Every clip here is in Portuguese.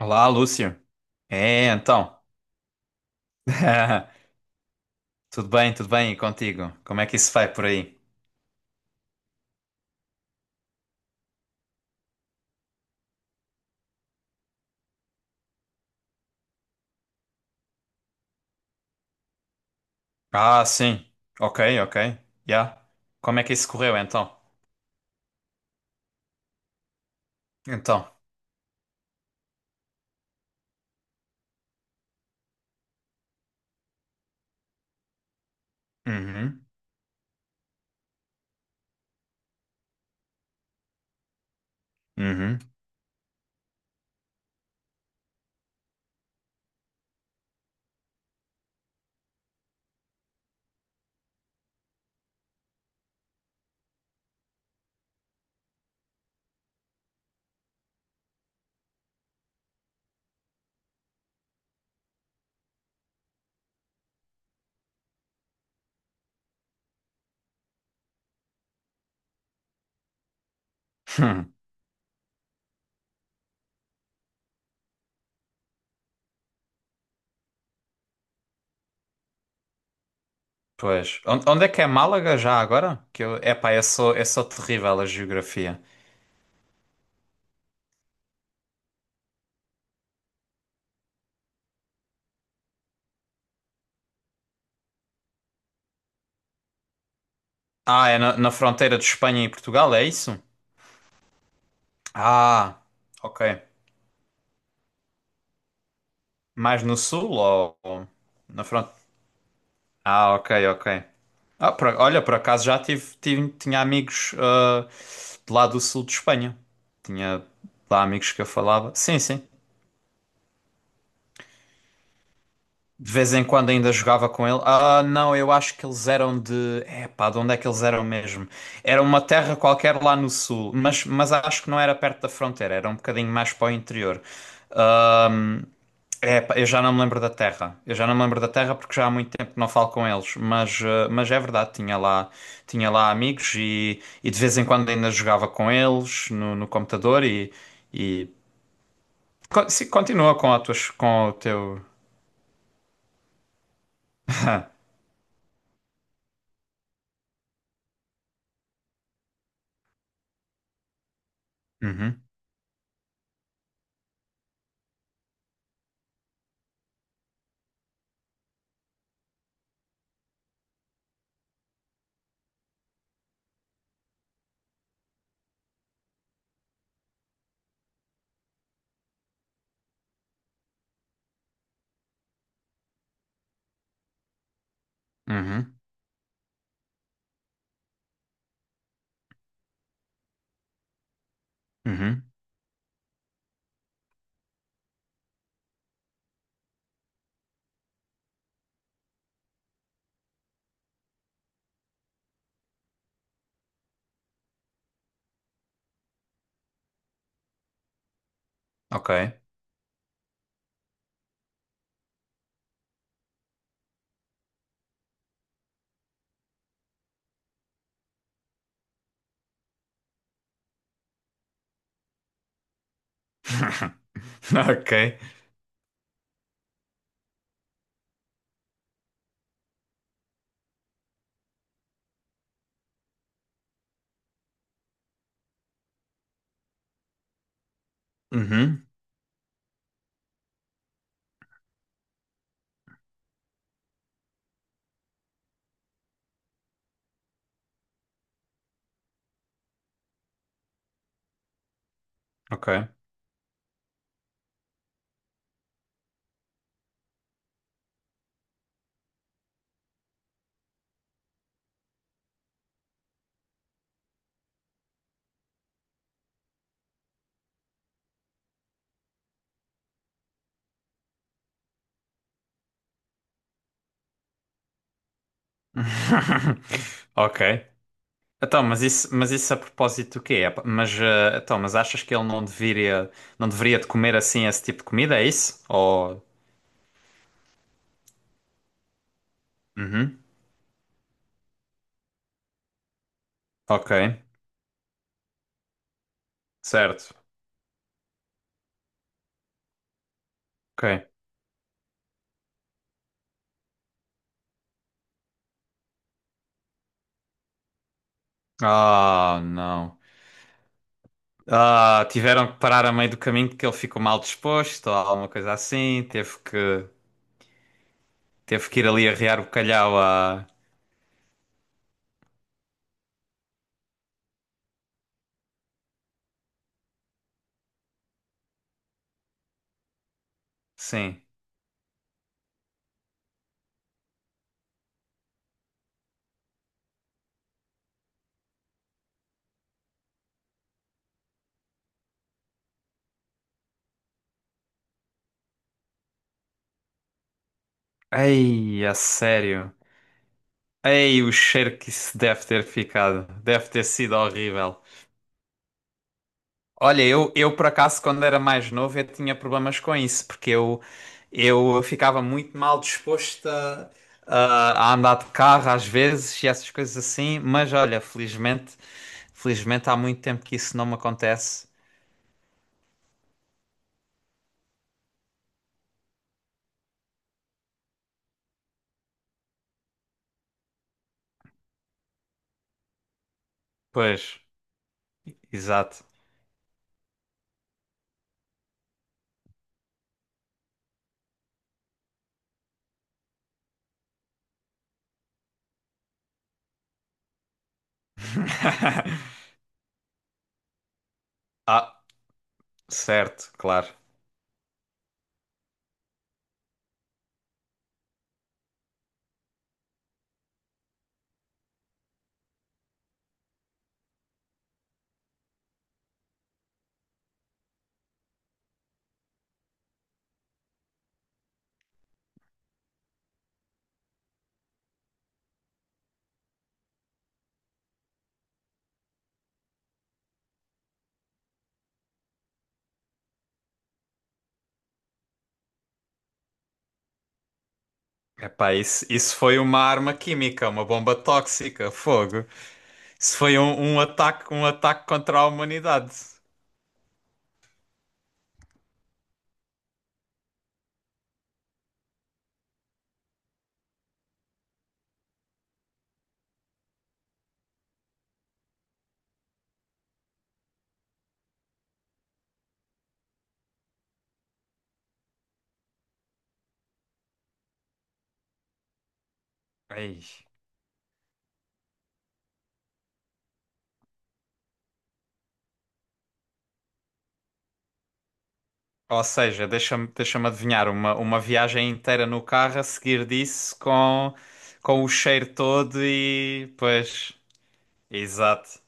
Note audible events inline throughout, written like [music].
Olá, Lúcio. É, então. [laughs] Tudo bem, e contigo? Como é que isso vai por aí? Ah, sim. Ok, ok. Yeah. Como é que isso correu então? Então. Uhum. Uhum. [laughs] Hum. Pois. Onde é que é Málaga já agora? Que eu, epá, eu sou terrível a geografia. Ah, é na, na fronteira de Espanha e Portugal, é isso? Ah, ok. Mais no sul ou na fronteira? Ah, ok, ok. Olha, por acaso já tive, tinha amigos de lá do sul de Espanha. Tinha lá amigos que eu falava. Sim, sim. De vez em quando ainda jogava com ele. Ah, não, eu acho que eles eram de. É pá, de onde é que eles eram mesmo? Era uma terra qualquer lá no sul, mas acho que não era perto da fronteira, era um bocadinho mais para o interior. Ahm, é pá, eu já não me lembro da terra. Eu já não me lembro da terra porque já há muito tempo que não falo com eles, mas, ah, mas é verdade, tinha lá amigos e de vez em quando ainda jogava com eles no, no computador e continua com o teu. Uhum, uhum, uhum. Ok. [laughs] Ok. Uhum. Ok. [laughs] Ok. Então, mas isso a propósito do quê? Mas então, mas achas que ele não deveria, não deveria de comer assim esse tipo de comida, é isso? Ou... Uhum. Ok. Certo. Ok. Ah, não. Ah, tiveram que parar a meio do caminho porque ele ficou mal disposto ou alguma coisa assim. Teve que ir ali arrear o calhau a... Sim. Ei, a sério. Ei, o cheiro que isso deve ter ficado. Deve ter sido horrível. Olha, eu por acaso, quando era mais novo, eu tinha problemas com isso, porque eu ficava muito mal disposto a andar de carro às vezes e essas coisas assim, mas olha, felizmente, felizmente há muito tempo que isso não me acontece. Pois, exato. [laughs] Ah, certo, claro. Epá, isso foi uma arma química, uma bomba tóxica, fogo. Isso foi um, um ataque contra a humanidade. Ei. Ou seja, deixa-me adivinhar, uma viagem inteira no carro a seguir disso com o cheiro todo e... Pois, exato.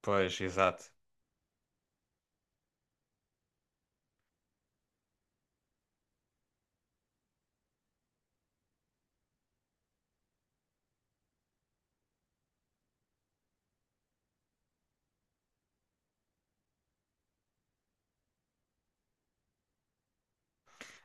Pois, exato.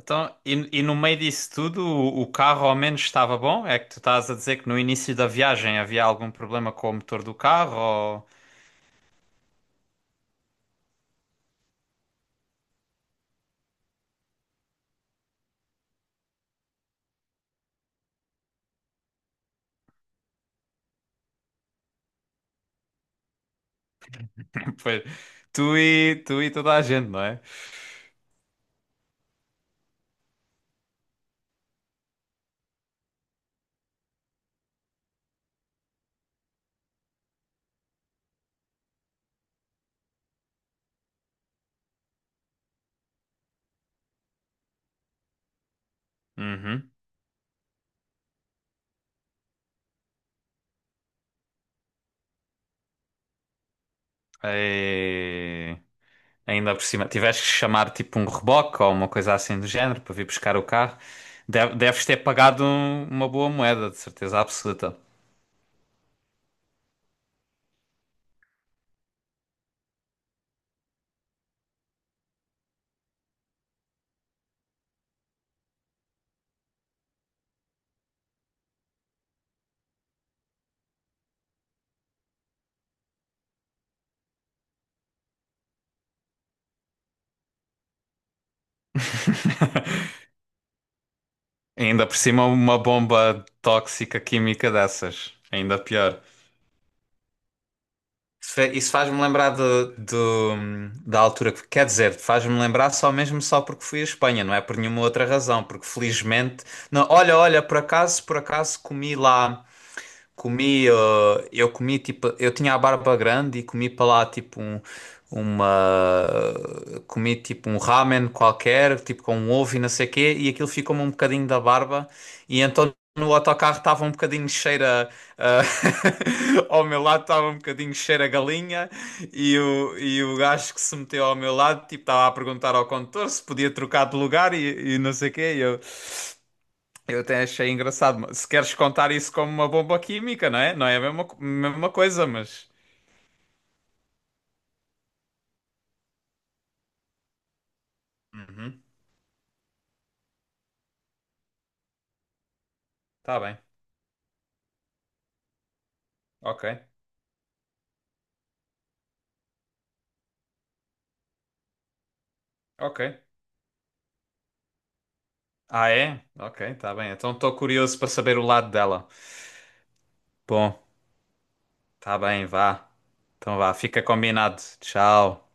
Então, e no meio disso tudo, o carro ao menos estava bom? É que tu estás a dizer que no início da viagem havia algum problema com o motor do carro? Ou... [laughs] Pois, tu e, tu e toda a gente, não é? Uhum. Ei. Ainda por cima, tiveste que chamar tipo um reboque ou uma coisa assim do género para vir buscar o carro. Deves ter pagado uma boa moeda, de certeza absoluta. [laughs] Ainda por cima, uma bomba tóxica química dessas. Ainda pior. Isso faz-me lembrar do, da altura que. Quer dizer, faz-me lembrar só mesmo só porque fui à Espanha, não é por nenhuma outra razão. Porque felizmente. Não, olha, olha, por acaso comi lá. Comi, eu comi tipo, eu tinha a barba grande e comi para lá tipo um, uma, comi tipo um ramen qualquer, tipo com um ovo e não sei o quê, e aquilo ficou-me um bocadinho da barba, e então no autocarro estava um bocadinho cheiro a- [laughs] ao meu lado estava um bocadinho cheiro a galinha, e o gajo que se meteu ao meu lado, tipo, estava a perguntar ao condutor se podia trocar de lugar e não sei o quê, eu até achei engraçado. Mas se queres contar isso como uma bomba química, não é? Mesma coisa, mas. Uhum. Tá bem. Ok. Ok. Ah, é? Ok, tá bem. Então estou curioso para saber o lado dela. Bom, tá bem, vá. Então vá, fica combinado. Tchau.